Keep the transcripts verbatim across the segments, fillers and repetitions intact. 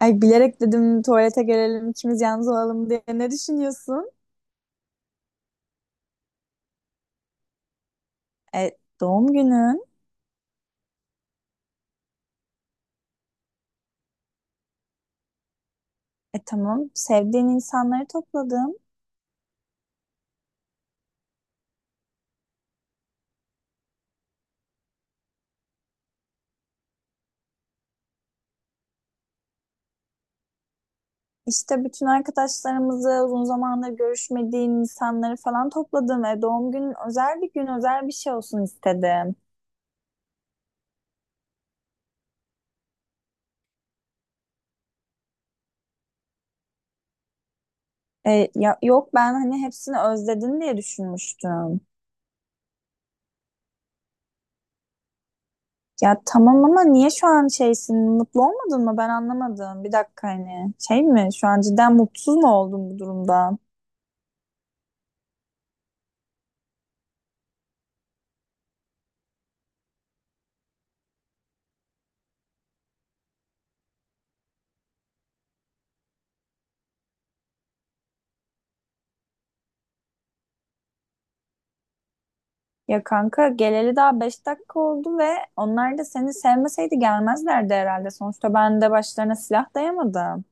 Ay bilerek dedim tuvalete gelelim ikimiz yalnız olalım diye. Ne düşünüyorsun? E, doğum günün. E tamam, sevdiğin insanları topladım. İşte bütün arkadaşlarımızı, uzun zamandır görüşmediğin insanları falan topladım. E, doğum günün özel bir gün, özel bir şey olsun istedim. E, ya, yok, ben hani hepsini özledin diye düşünmüştüm. Ya tamam ama niye şu an şeysin, mutlu olmadın mı? Ben anlamadım. Bir dakika, hani şey mi, şu an cidden mutsuz mu oldun bu durumda? Ya kanka, geleli daha beş dakika oldu ve onlar da seni sevmeseydi gelmezlerdi herhalde. Sonuçta ben de başlarına silah dayamadım.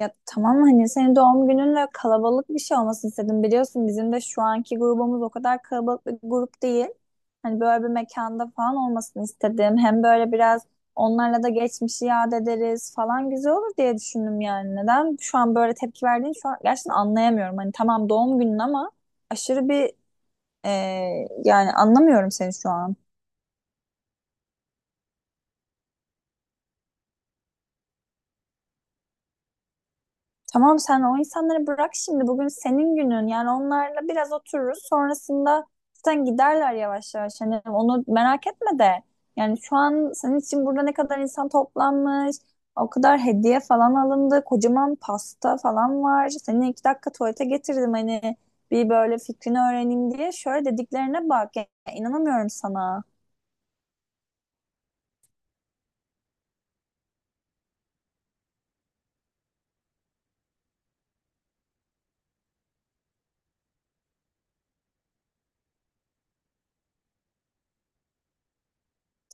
Ya tamam, hani senin doğum gününle kalabalık bir şey olmasını istedim. Biliyorsun bizim de şu anki grubumuz o kadar kalabalık bir grup değil. Hani böyle bir mekanda falan olmasını istedim. Hem böyle biraz onlarla da geçmişi yad ederiz falan, güzel olur diye düşündüm yani. Neden şu an böyle tepki verdiğini şu an gerçekten anlayamıyorum. Hani tamam doğum günün ama aşırı bir Ee, yani anlamıyorum seni şu an. Tamam, sen o insanları bırak şimdi. Bugün senin günün. Yani onlarla biraz otururuz. Sonrasında zaten giderler yavaş yavaş. Hani onu merak etme de. Yani şu an senin için burada ne kadar insan toplanmış. O kadar hediye falan alındı. Kocaman pasta falan var. Seni iki dakika tuvalete getirdim, hani bir böyle fikrini öğreneyim diye. Şöyle dediklerine bak. Ya, inanamıyorum sana.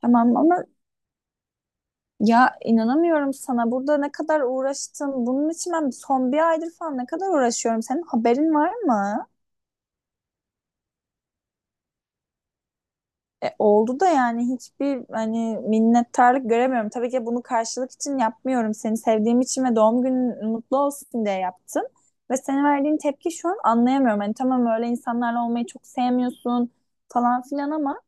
Tamam ama Ya inanamıyorum sana. Burada ne kadar uğraştım. Bunun için ben son bir aydır falan ne kadar uğraşıyorum. Senin haberin var mı? E, oldu da yani hiçbir hani minnettarlık göremiyorum. Tabii ki bunu karşılık için yapmıyorum. Seni sevdiğim için ve doğum günün mutlu olsun diye yaptım. Ve senin verdiğin tepki şu an anlayamıyorum. Hani tamam öyle insanlarla olmayı çok sevmiyorsun falan filan ama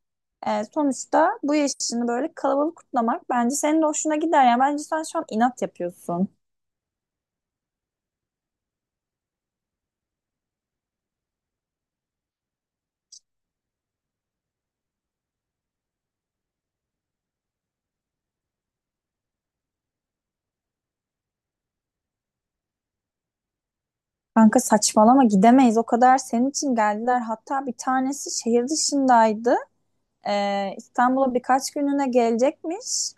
e, sonuçta bu yaşını böyle kalabalık kutlamak bence senin de hoşuna gider. Yani bence sen şu an inat yapıyorsun. Kanka saçmalama, gidemeyiz, o kadar senin için geldiler, hatta bir tanesi şehir dışındaydı. Ee, İstanbul'a birkaç günlüğüne gelecekmiş,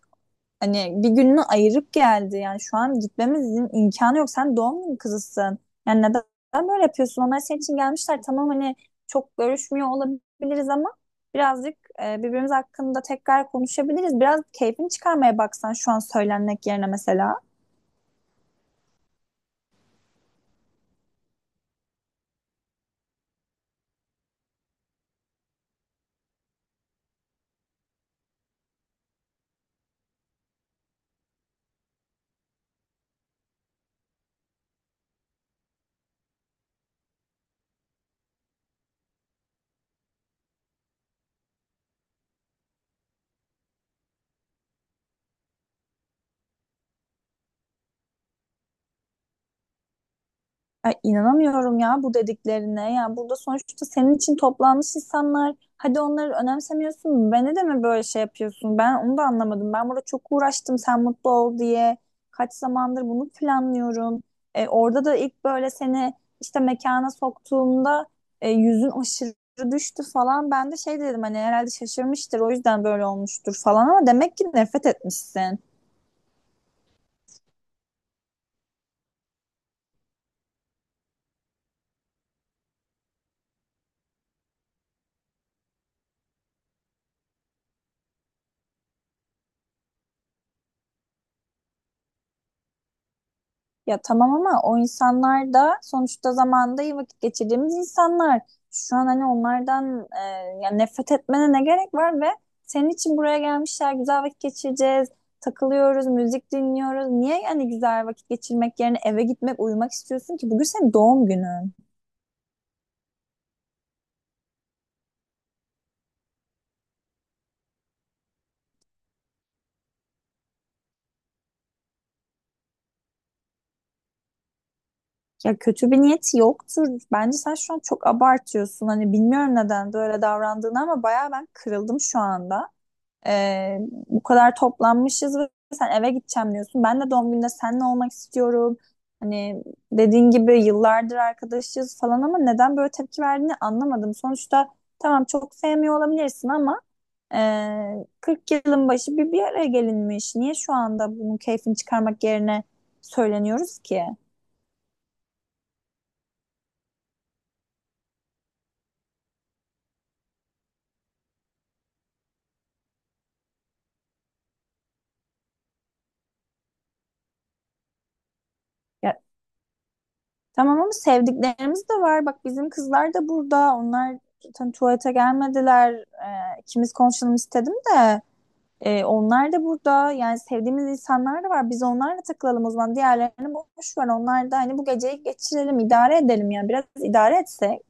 hani bir gününü ayırıp geldi. Yani şu an gitmemizin imkanı yok, sen doğum günü kızısın. Yani neden, neden böyle yapıyorsun? Onlar senin için gelmişler. Tamam, hani çok görüşmüyor olabiliriz ama birazcık e, birbirimiz hakkında tekrar konuşabiliriz. Biraz keyfini çıkarmaya baksan şu an söylenmek yerine mesela. Ay, inanamıyorum ya bu dediklerine. Ya, burada sonuçta senin için toplanmış insanlar. Hadi onları önemsemiyorsun. Beni de mi böyle şey yapıyorsun? Ben onu da anlamadım. Ben burada çok uğraştım sen mutlu ol diye. Kaç zamandır bunu planlıyorum. E, orada da ilk böyle seni işte mekana soktuğumda e, yüzün aşırı düştü falan. Ben de şey dedim, hani herhalde şaşırmıştır, o yüzden böyle olmuştur falan, ama demek ki nefret etmişsin. Ya tamam ama o insanlar da sonuçta zamanında iyi vakit geçirdiğimiz insanlar. Şu an hani onlardan e, yani nefret etmene ne gerek var? Ve senin için buraya gelmişler, güzel vakit geçireceğiz. Takılıyoruz, müzik dinliyoruz. Niye yani güzel vakit geçirmek yerine eve gitmek, uyumak istiyorsun ki? Bugün senin doğum günün. Ya kötü bir niyeti yoktur. Bence sen şu an çok abartıyorsun. Hani bilmiyorum neden böyle davrandığını ama bayağı ben kırıldım şu anda. Ee, bu kadar toplanmışız ve sen eve gideceğim diyorsun. Ben de doğum gününde seninle olmak istiyorum. Hani dediğin gibi yıllardır arkadaşız falan ama neden böyle tepki verdiğini anlamadım. Sonuçta tamam çok sevmiyor olabilirsin ama e, kırk yılın başı bir bir araya gelinmiş. Niye şu anda bunun keyfini çıkarmak yerine söyleniyoruz ki? Ya, tamam ama sevdiklerimiz de var. Bak bizim kızlar da burada. Onlar zaten tuvalete gelmediler. Ee, ikimiz konuşalım istedim de. Ee, onlar da burada, yani sevdiğimiz insanlar da var. Biz onlarla takılalım o zaman. Diğerlerini boş ver. Onlar da hani bu geceyi geçirelim, idare edelim yani. Biraz idare etsek.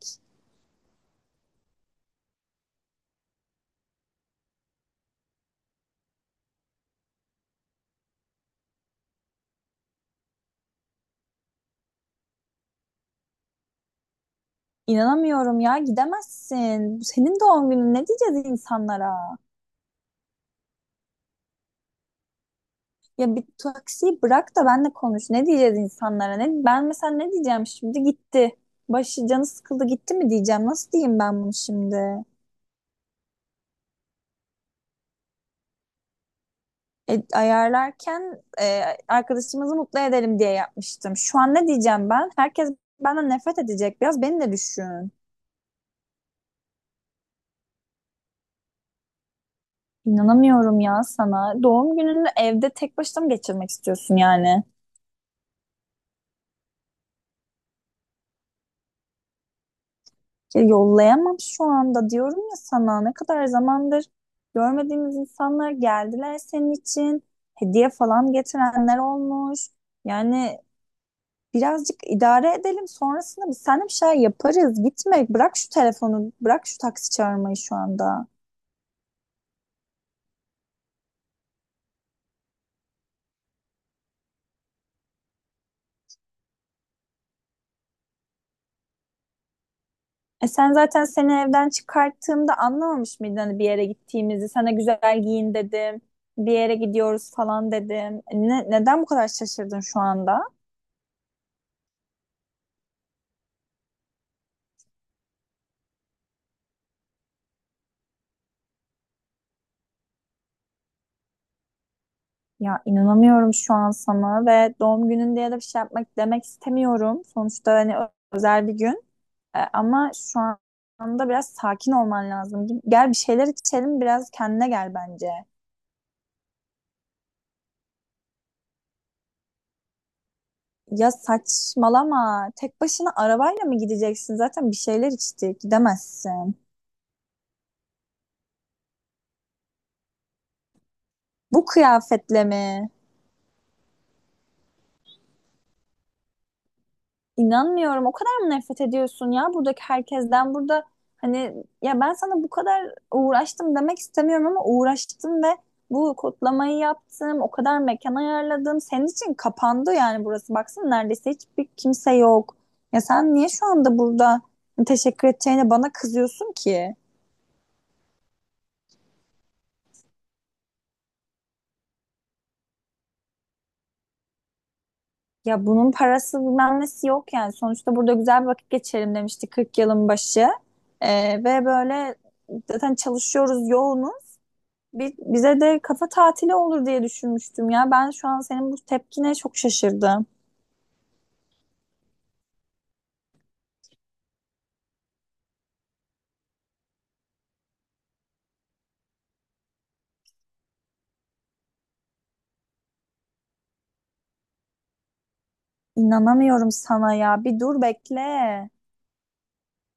İnanamıyorum ya, gidemezsin. Senin doğum günün, ne diyeceğiz insanlara? Ya bir taksiyi bırak da benle konuş. Ne diyeceğiz insanlara? Ne, ben mesela ne diyeceğim şimdi? Gitti. Başı canı sıkıldı gitti mi diyeceğim? Nasıl diyeyim ben bunu şimdi? E, ayarlarken e, arkadaşımızı mutlu edelim diye yapmıştım. Şu an ne diyeceğim ben? Herkes benden nefret edecek. Biraz beni de düşün. İnanamıyorum ya sana. Doğum gününü evde tek başına mı geçirmek istiyorsun yani? Ya yollayamam şu anda diyorum ya sana. Ne kadar zamandır görmediğimiz insanlar geldiler senin için. Hediye falan getirenler olmuş. Yani birazcık idare edelim, sonrasında biz seninle bir şey yaparız. Gitme, bırak şu telefonu, bırak şu taksi çağırmayı şu anda. E sen zaten seni evden çıkarttığımda anlamamış mıydın hani bir yere gittiğimizi? Sana güzel giyin dedim. Bir yere gidiyoruz falan dedim. E Ne, neden bu kadar şaşırdın şu anda? Ya inanamıyorum şu an sana, ve doğum günün diye de bir şey yapmak demek istemiyorum. Sonuçta hani ö- özel bir gün. E, ama şu anda biraz sakin olman lazım. Gel bir şeyler içelim, biraz kendine gel bence. Ya saçmalama. Tek başına arabayla mı gideceksin? Zaten bir şeyler içtik. Gidemezsin. Bu kıyafetle mi? İnanmıyorum. O kadar mı nefret ediyorsun ya buradaki herkesten? Burada hani ya, ben sana bu kadar uğraştım demek istemiyorum ama uğraştım ve bu kodlamayı yaptım. O kadar mekan ayarladım. Senin için kapandı yani burası. Baksana neredeyse hiçbir kimse yok. Ya sen niye şu anda burada teşekkür edeceğine bana kızıyorsun ki? Ya bunun parası bilmem nesi yok yani. Sonuçta burada güzel bir vakit geçirelim demişti, kırk yılın başı. Ee, ve böyle zaten çalışıyoruz, yoğunuz. Bi- bize de kafa tatili olur diye düşünmüştüm ya. Ben şu an senin bu tepkine çok şaşırdım. İnanamıyorum sana ya. Bir dur bekle.